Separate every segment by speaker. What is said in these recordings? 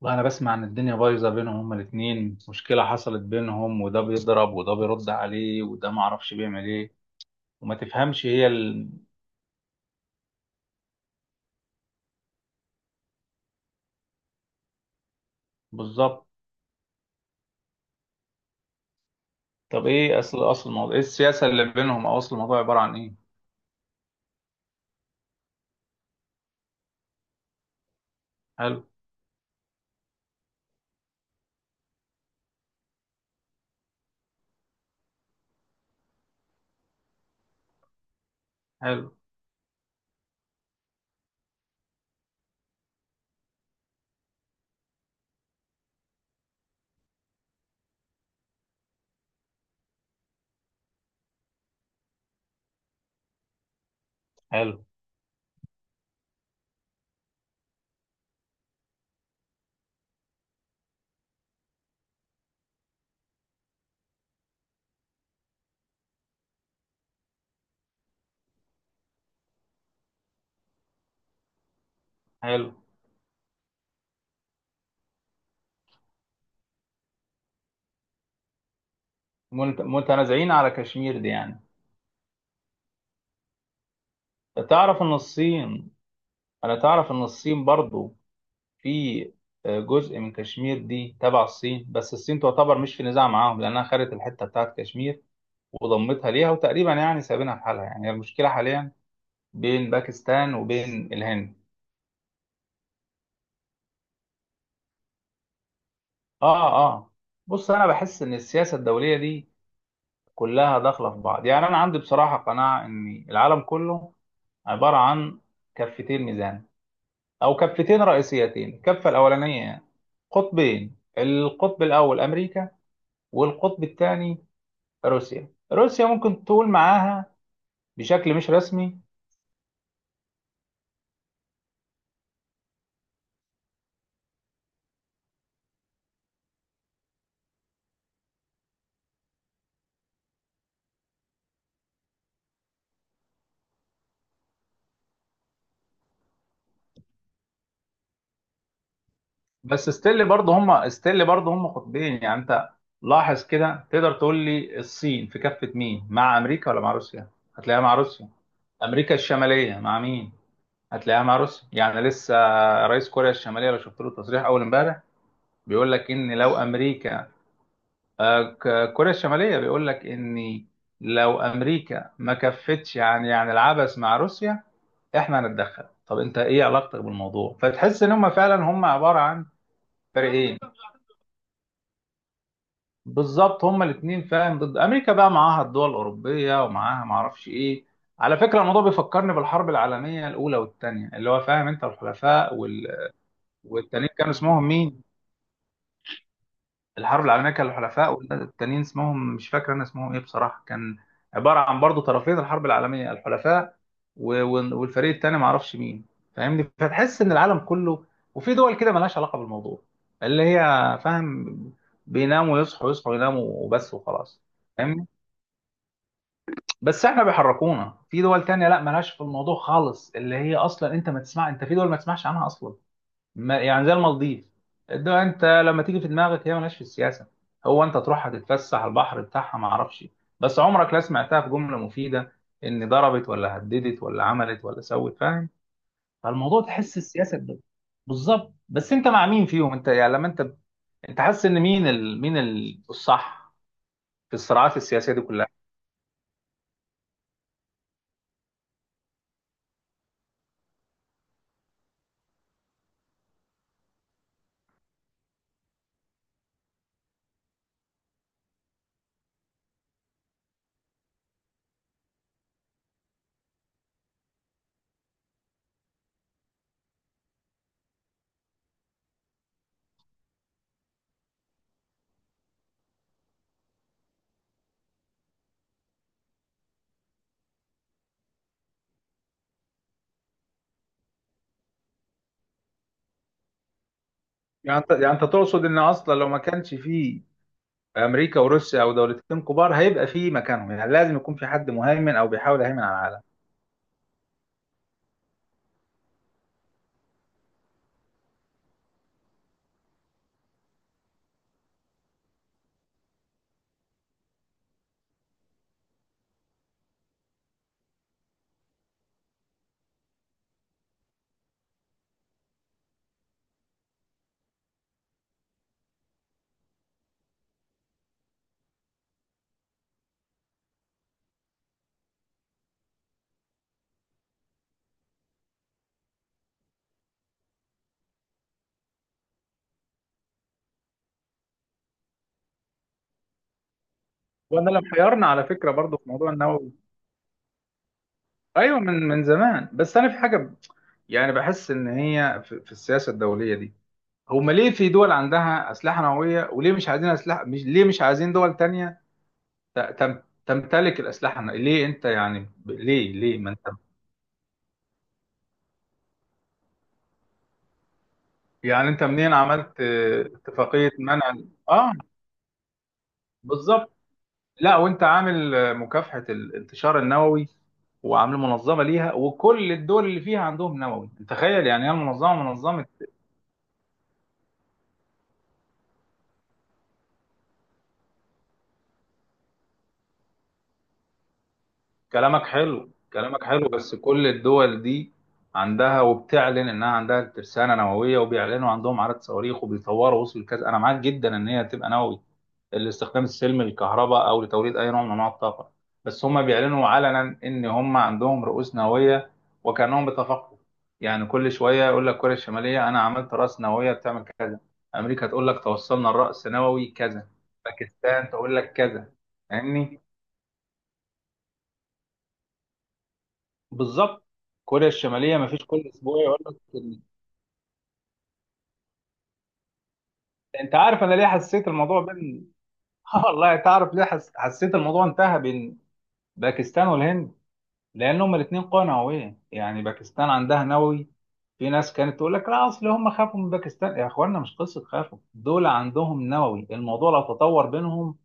Speaker 1: والله انا بسمع ان الدنيا بايظه بينهم، هما الاثنين مشكله حصلت بينهم، وده بيضرب وده بيرد عليه وده ما اعرفش بيعمل ايه. وما تفهمش هي ال... بالظبط. طب ايه اصل الموضوع، ايه السياسه اللي بينهم، او اصل الموضوع عباره عن ايه؟ حلو. حلو. حلو. حلو. متنازعين على كشمير دي يعني. تعرف ان الصين تعرف ان الصين برضو في آه، جزء من كشمير دي تبع الصين، بس الصين تعتبر مش في نزاع معاهم لانها خدت الحته بتاعت كشمير وضمتها ليها، وتقريبا يعني سايبينها في حالها، يعني هي المشكله حاليا بين باكستان وبين الهند. اه اه. بص، انا بحس ان السياسه الدوليه دي كلها داخله في بعض. يعني انا عندي بصراحه قناعه ان العالم كله عباره عن كفتين ميزان، او كفتين رئيسيتين، الكفه الاولانيه قطبين، القطب الاول امريكا، والقطب الثاني روسيا، ممكن تقول معاها بشكل مش رسمي. بس ستيل برضه هم، ستيل برضه هم قطبين يعني. انت لاحظ كده، تقدر تقول لي الصين في كفة مين؟ مع امريكا ولا مع روسيا؟ هتلاقيها مع روسيا. امريكا الشمالية مع مين؟ هتلاقيها مع روسيا يعني لسه. رئيس كوريا الشمالية لو شفت له تصريح اول امبارح بيقول لك ان لو امريكا، آه، كوريا الشمالية بيقول لك ان لو امريكا ما كفتش يعني، يعني العبث مع روسيا احنا هنتدخل. طب انت ايه علاقتك بالموضوع؟ فتحس ان هم فعلا هم عبارة عن فريقين. بالظبط، هما الاثنين فاهم، ضد امريكا بقى معاها الدول الاوروبيه ومعاها ما اعرفش ايه. على فكره الموضوع بيفكرني بالحرب العالميه الاولى والثانيه، اللي هو فاهم انت، الحلفاء وال... والتانيين كانوا اسمهم مين؟ الحرب العالميه كان الحلفاء والتانيين اسمهم مش فاكر انا اسمهم ايه بصراحه. كان عباره عن برضو طرفين الحرب العالميه، الحلفاء و... والفريق الثاني ما اعرفش مين. فاهمني؟ فتحس ان العالم كله، وفي دول كده ملهاش علاقه بالموضوع، اللي هي فاهم بيناموا يصحوا، يصحوا يناموا، وبس وخلاص. فاهمني؟ بس احنا بيحركونا في دول تانية لا مالهاش في الموضوع خالص، اللي هي اصلا انت ما تسمع، انت في دول ما تسمعش عنها اصلا. ما يعني زي المالديف، الدول انت لما تيجي في دماغك هي مالهاش في السياسة، هو انت تروح هتتفسح على البحر بتاعها ما اعرفش. بس عمرك لا سمعتها في جملة مفيدة ان ضربت ولا هددت ولا عملت ولا سوت، فاهم؟ فالموضوع تحس السياسة ب-. بالظبط. بس انت مع مين فيهم انت يعني؟ لما انت، انت حاسس ان مين ال... مين ال... الصح في الصراعات السياسية دي كلها؟ يعني انت، يعني انت تقصد ان اصلا لو ما كانش فيه امريكا وروسيا او دولتين كبار هيبقى فيه مكانهم؟ يعني لازم يكون في حد مهيمن او بيحاول يهيمن على العالم. وانا لو حيرنا على فكره برضو في موضوع النووي، ايوه من زمان، بس انا في حاجه ب-. يعني بحس ان هي في, في السياسه الدوليه دي، هم ليه في دول عندها اسلحه نوويه وليه مش عايزين اسلحه، مش ليه مش عايزين دول تانية تم تمتلك الاسلحه النووية؟ ليه انت يعني ب- ليه ما انت. يعني انت منين عملت اه، اتفاقيه منع. اه بالظبط. لا وانت عامل آه، مكافحة الانتشار النووي وعامل منظمة ليها، وكل الدول اللي فيها عندهم نووي، تخيل يعني هي المنظمة منظمة. كلامك حلو، كلامك حلو، بس كل الدول دي عندها وبتعلن انها عندها ترسانه نوويه، وبيعلنوا عندهم عدد صواريخ، وبيطوروا وصل الكذا. انا معاك جدا ان هي تبقى نووي الاستخدام السلمي للكهرباء، او لتوليد اي نوع من انواع الطاقه. بس هم بيعلنوا علنا ان هم عندهم رؤوس نوويه، وكانهم بيتفاقموا. يعني كل شويه يقول لك كوريا الشماليه انا عملت راس نوويه بتعمل كذا، امريكا تقول لك توصلنا الراس نووي كذا، باكستان تقول لك كذا، فاهمني؟ بالظبط. كوريا الشماليه ما فيش كل اسبوع يقول لك، إن-. انت عارف انا ليه حسيت الموضوع بين آه والله. تعرف ليه حسيت الموضوع انتهى بين باكستان والهند؟ لان هما الاثنين قوى نوويه. يعني باكستان عندها نووي، في ناس كانت تقول لك لا اصل هم خافوا من باكستان، يا اخوانا مش قصه خافوا، دول عندهم نووي، الموضوع لو تطور بينهم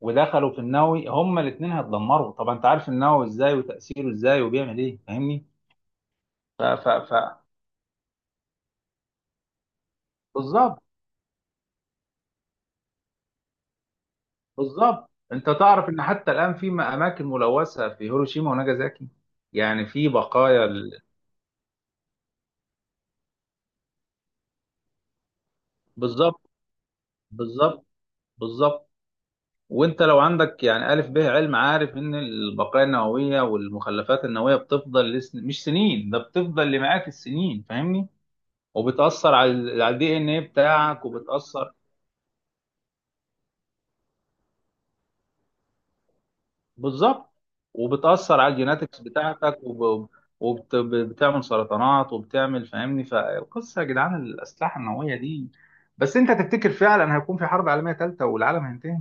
Speaker 1: ودخلوا في النووي هما الاثنين هيتدمروا. طب انت عارف النووي ازاي، وتاثيره ازاي، وبيعمل ايه، فاهمني؟ ف بالظبط. بالظبط. انت تعرف ان حتى الان في اماكن ملوثه في هيروشيما وناجازاكي، يعني في بقايا ال... بالظبط. بالظبط. بالظبط. وانت لو عندك يعني الف به علم عارف ان البقايا النوويه والمخلفات النوويه بتفضل لسن... مش سنين، ده بتفضل لمئات السنين، فاهمني؟ وبتاثر على على الدي ان ايه بتاعك، وبتاثر. بالظبط. وبتأثر على الجيناتكس بتاعتك وب... وبتعمل سرطانات وبتعمل، فاهمني؟ فالقصة يا جدعان الأسلحة النووية دي. بس أنت تفتكر فعلا هيكون في حرب عالمية ثالثة والعالم هينتهي؟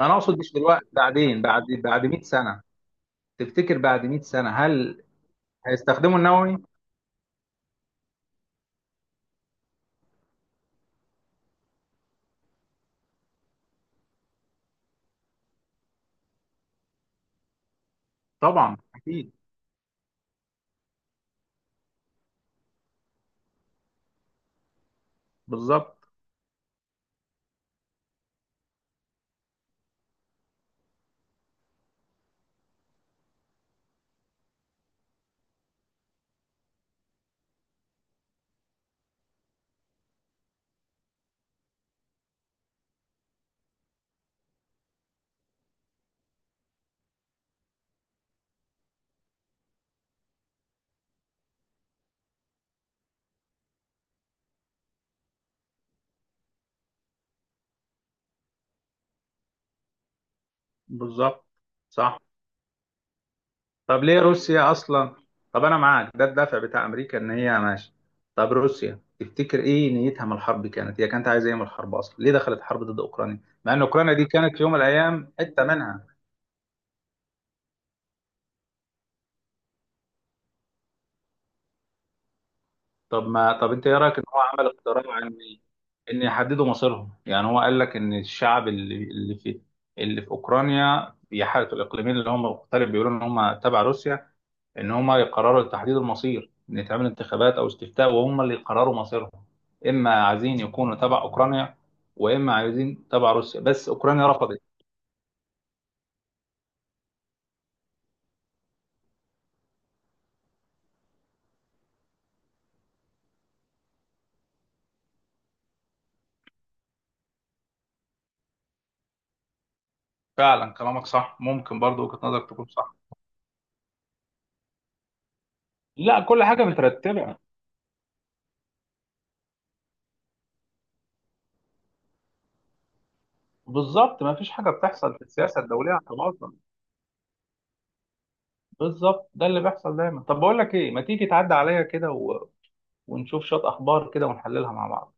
Speaker 1: أنا أقصد مش دلوقتي، بعدين، بعد 100 سنة. تفتكر بعد 100 سنة هل هيستخدموا النووي؟ طبعا أكيد. بالظبط. بالظبط. صح. طب ليه روسيا اصلا؟ طب انا معاك ده الدافع بتاع امريكا ان هي ماشي. طب روسيا تفتكر ايه نيتها من الحرب؟ كانت هي كانت عايزه ايه من الحرب اصلا؟ ليه دخلت حرب ضد اوكرانيا، مع ان اوكرانيا دي كانت في يوم من الايام حته منها؟ طب ما طب انت ايه رايك ان هو عمل اقتراع ان، ان يحددوا مصيرهم؟ يعني هو قال لك ان الشعب اللي في، اللي في اوكرانيا بيحارب، الاقليمين اللي هم مختلف بيقولوا ان هم تبع روسيا، ان هم يقرروا تحديد المصير، ان يتعمل انتخابات او استفتاء، وهم اللي يقرروا مصيرهم، اما عايزين يكونوا تبع اوكرانيا، واما عايزين تبع روسيا، بس اوكرانيا رفضت. فعلا كلامك صح، ممكن برضو وجهة نظرك تكون صح. لا كل حاجة مترتبة. بالظبط، ما فيش حاجة بتحصل في السياسة الدولية اعتباطا. بالظبط، ده اللي بيحصل دايما. طب بقول لك ايه، ما تيجي تعدي عليا كده و... ونشوف شوية اخبار كده ونحللها مع بعض.